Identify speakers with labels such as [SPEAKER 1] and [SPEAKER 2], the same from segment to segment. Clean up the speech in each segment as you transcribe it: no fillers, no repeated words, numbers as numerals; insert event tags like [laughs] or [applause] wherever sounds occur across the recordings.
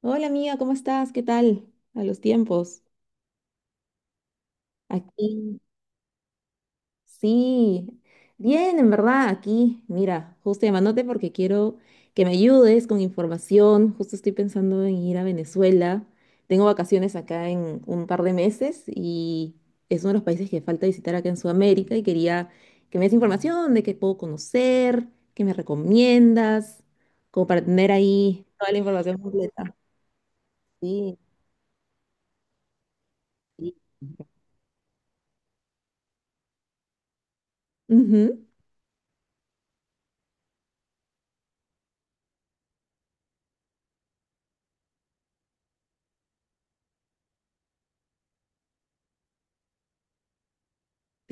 [SPEAKER 1] Hola amiga, ¿cómo estás? ¿Qué tal? A los tiempos. Aquí, sí. Bien, en verdad, aquí. Mira, justo llamándote porque quiero que me ayudes con información. Justo estoy pensando en ir a Venezuela. Tengo vacaciones acá en un par de meses y es uno de los países que falta visitar acá en Sudamérica y quería que me des información de qué puedo conocer, qué me recomiendas, como para tener ahí toda la información completa. Sí. Sí. Ujú.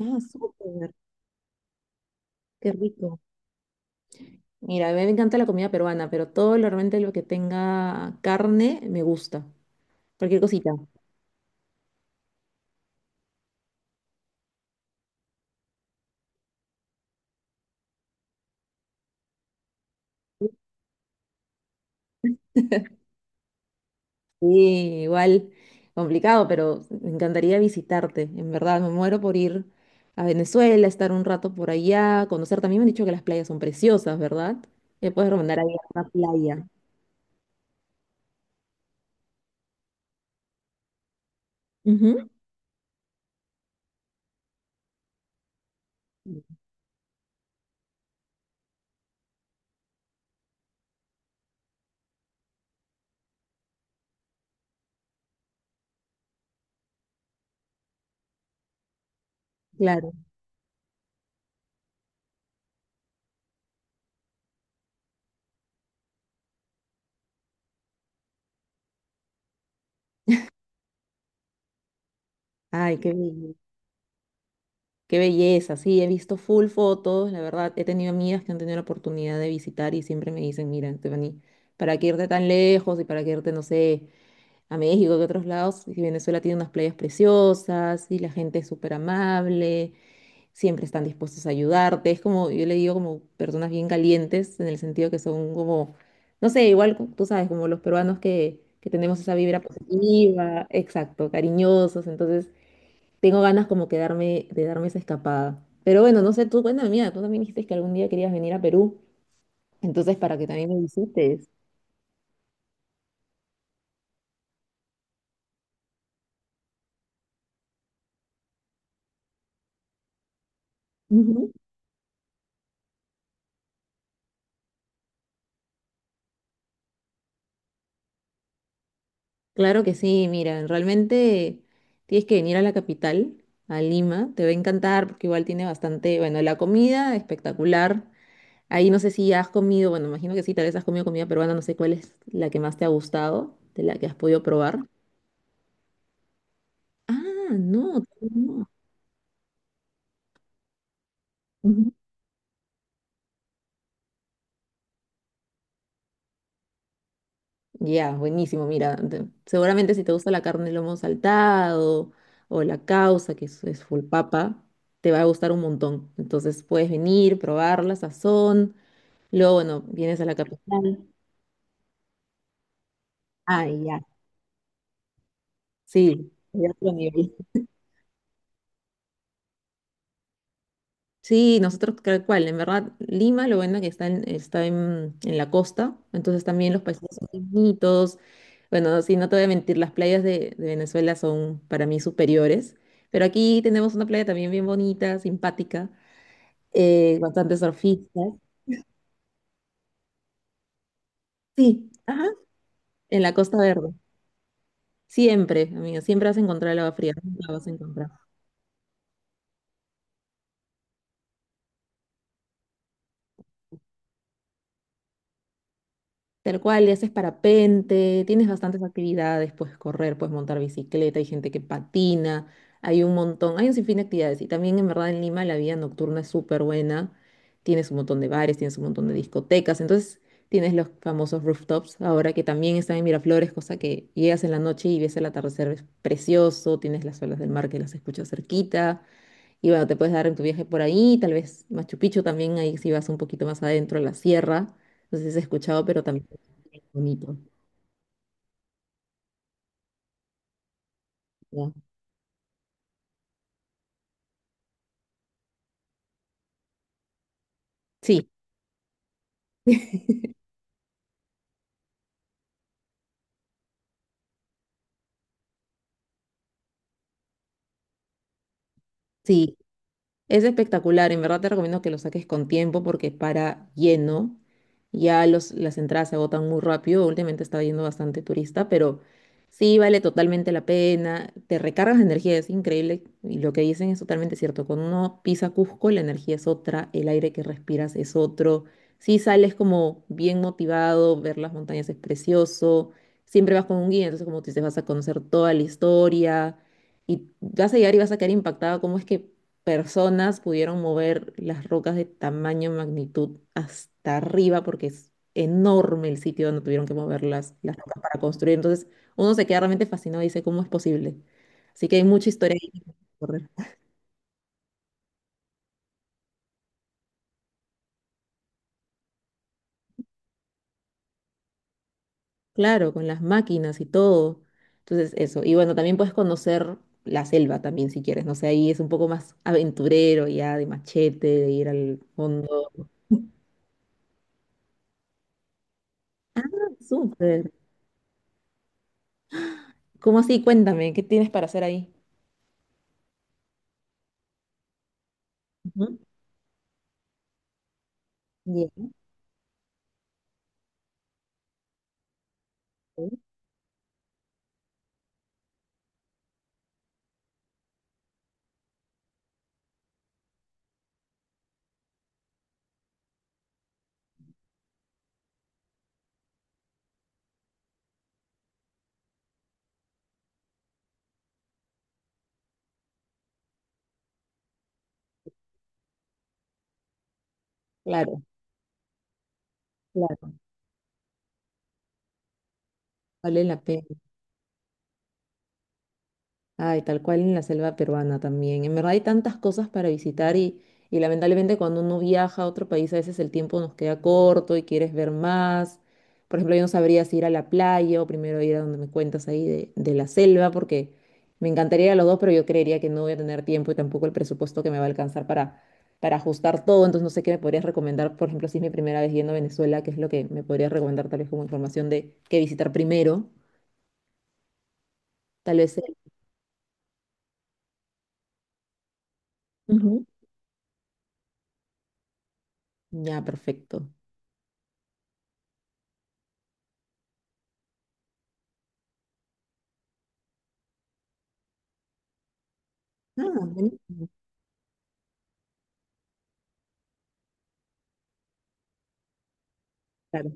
[SPEAKER 1] Ah, súper. Qué rico. Mira, a mí me encanta la comida peruana, pero realmente lo que tenga carne me gusta. Cualquier cosita. [laughs] Sí, igual, complicado, pero me encantaría visitarte. En verdad, me muero por ir a Venezuela, estar un rato por allá, conocer. También me han dicho que las playas son preciosas, ¿verdad? Me puedes recomendar ahí una playa. Ujú. Claro. Ay, qué bello. Qué belleza, sí, he visto full fotos, la verdad, he tenido amigas que han tenido la oportunidad de visitar y siempre me dicen, mira, Stephanie, ¿para qué irte tan lejos y para qué irte, no sé, a México que otros lados? Y Venezuela tiene unas playas preciosas y la gente es súper amable, siempre están dispuestos a ayudarte, es como, yo le digo como personas bien calientes en el sentido que son como, no sé, igual tú sabes, como los peruanos que tenemos esa vibra positiva, exacto, cariñosos, entonces... Tengo ganas como que darme- de darme esa escapada. Pero bueno, no sé, tú, cuéntame mía, tú también dijiste que algún día querías venir a Perú, entonces para que también me visites. Ujú. Claro que sí, mira, realmente tienes que venir a la capital, a Lima, te va a encantar porque igual tiene bastante, bueno, la comida espectacular. Ahí no sé si has comido, bueno, imagino que sí, tal vez has comido comida peruana, no sé cuál es la que más te ha gustado, de la que has podido probar. Ah, no, no. Ya, buenísimo. Mira, seguramente si te gusta la carne, el lomo saltado o la causa, que es full papa, te va a gustar un montón. Entonces puedes venir, probar la sazón. Luego, bueno, vienes a la capital. Ah, ya. Sí, ya otro nivel. Sí, nosotros tal cual, en verdad, Lima, lo bueno que está en la costa, entonces también los paisajes son bonitos. Bueno, sí, no te voy a mentir, las playas de Venezuela son para mí superiores, pero aquí tenemos una playa también bien bonita, simpática, bastantes surfistas. Sí, ajá, en la Costa Verde. Siempre, amiga, siempre vas a encontrar el agua fría, nunca vas a encontrar. Tal cual, y haces parapente, tienes bastantes actividades, puedes correr, puedes montar bicicleta, hay gente que patina, hay un montón, hay un sinfín de actividades. Y también en verdad en Lima la vida nocturna es súper buena, tienes un montón de bares, tienes un montón de discotecas, entonces tienes los famosos rooftops ahora que también están en Miraflores, cosa que llegas en la noche y ves el atardecer, es precioso, tienes las olas del mar que las escuchas cerquita. Y bueno, te puedes dar en tu viaje por ahí, tal vez Machu Picchu también, ahí si vas un poquito más adentro a la sierra. No sé si has escuchado, pero también es bonito. ¿Ya? Sí, sí. Es espectacular, en verdad te recomiendo que lo saques con tiempo porque para lleno, ya las entradas se agotan muy rápido, últimamente está yendo bastante turista, pero sí vale totalmente la pena, te recargas de energía, es increíble y lo que dicen es totalmente cierto, cuando uno pisa Cusco la energía es otra, el aire que respiras es otro, sí sales como bien motivado, ver las montañas es precioso, siempre vas con un guía, entonces como tú dices vas a conocer toda la historia y vas a llegar y vas a quedar impactado, cómo es que personas pudieron mover las rocas de tamaño, magnitud hasta arriba, porque es enorme el sitio donde tuvieron que mover las rocas para construir. Entonces, uno se queda realmente fascinado y dice, ¿cómo es posible? Así que hay mucha historia ahí que correr. Claro, con las máquinas y todo. Entonces, eso. Y bueno, también puedes conocer la selva también si quieres. No sé, ahí es un poco más aventurero ya, de machete, de ir al fondo. Ah, súper. ¿Cómo así? Cuéntame, ¿qué tienes para hacer ahí? Ujú. Bien, ok. Claro, claro. Vale la pena. Ay, tal cual en la selva peruana también. En verdad hay tantas cosas para visitar y lamentablemente cuando uno viaja a otro país a veces el tiempo nos queda corto y quieres ver más. Por ejemplo, yo no sabría si ir a la playa o primero ir a donde me cuentas ahí de la selva porque me encantaría ir a los dos, pero yo creería que no voy a tener tiempo y tampoco el presupuesto que me va a alcanzar para ajustar todo. Entonces no sé qué me podrías recomendar, por ejemplo, si es mi primera vez yendo a Venezuela, qué es lo que me podrías recomendar tal vez como información de qué visitar primero. Tal vez... el- Ujú. Ya, perfecto. Ah, buenísimo, claro.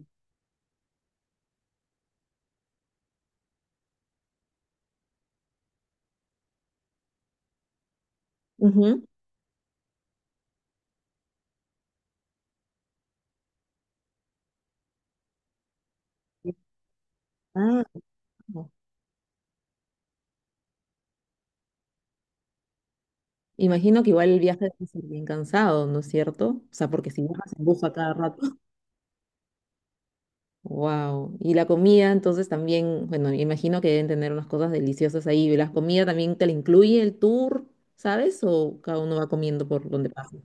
[SPEAKER 1] Ujú. Ah, no. Imagino que igual el viaje debe ser bien cansado, ¿no es cierto? O sea, porque si viajas en bus a cada rato. [laughs] Wow. Y la comida, entonces también, bueno, imagino que deben tener unas cosas deliciosas ahí. ¿La comida también te la incluye el tour, sabes? ¿O cada uno va comiendo por donde pasa?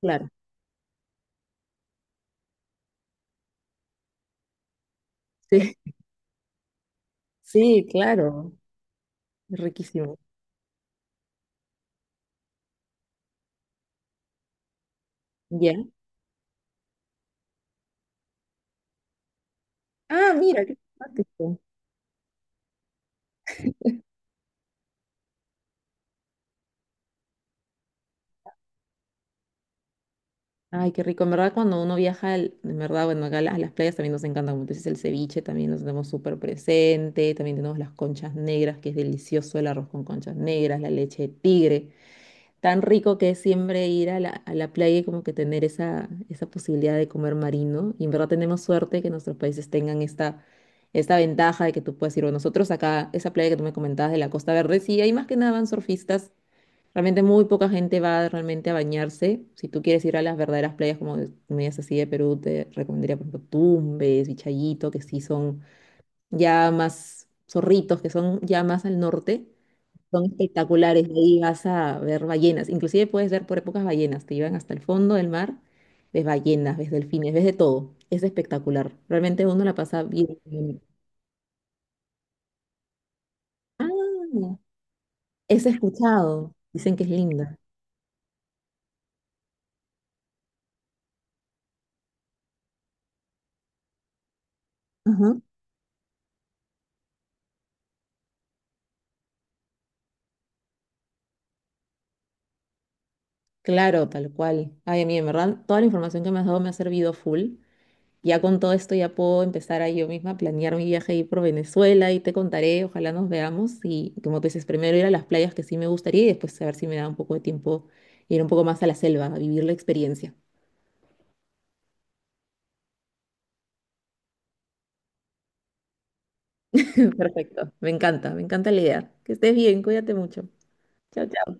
[SPEAKER 1] Claro. Sí, [laughs] sí, claro. Riquísimo. Ya. Ah, mira, qué simpático. Ay, qué rico. En verdad, cuando uno viaja, en verdad, bueno, acá las playas también nos encantan. Como tú dices, el ceviche también nos tenemos súper presente. También tenemos las conchas negras, que es delicioso el arroz con conchas negras, la leche de tigre. Tan rico que es siempre ir a a la playa y como que tener esa, esa posibilidad de comer marino. Y en verdad tenemos suerte que nuestros países tengan esta ventaja de que tú puedes ir. Bueno, nosotros acá, esa playa que tú me comentabas de la Costa Verde, sí, hay más que nada van surfistas. Realmente muy poca gente va realmente a bañarse. Si tú quieres ir a las verdaderas playas como medias así de Perú, te recomendaría, por ejemplo, Tumbes, Vichayito, que sí son ya más zorritos, que son ya más al norte. Son espectaculares. Ahí vas a ver ballenas. Inclusive puedes ver por épocas ballenas. Te llevan hasta el fondo del mar. Ves ballenas, ves delfines, ves de todo. Es espectacular. Realmente uno la pasa bien. Ah, es escuchado. Dicen que es linda. Ajá. Claro, tal cual. Ay, a mí, en verdad, toda la información que me has dado me ha servido full. Ya con todo esto ya puedo empezar a yo misma a planear mi viaje ahí por Venezuela y te contaré, ojalá nos veamos. Y como tú dices, primero ir a las playas que sí me gustaría y después a ver si me da un poco de tiempo ir un poco más a la selva, a vivir la experiencia. [laughs] Perfecto, me encanta la idea. Que estés bien, cuídate mucho. Chao, chao.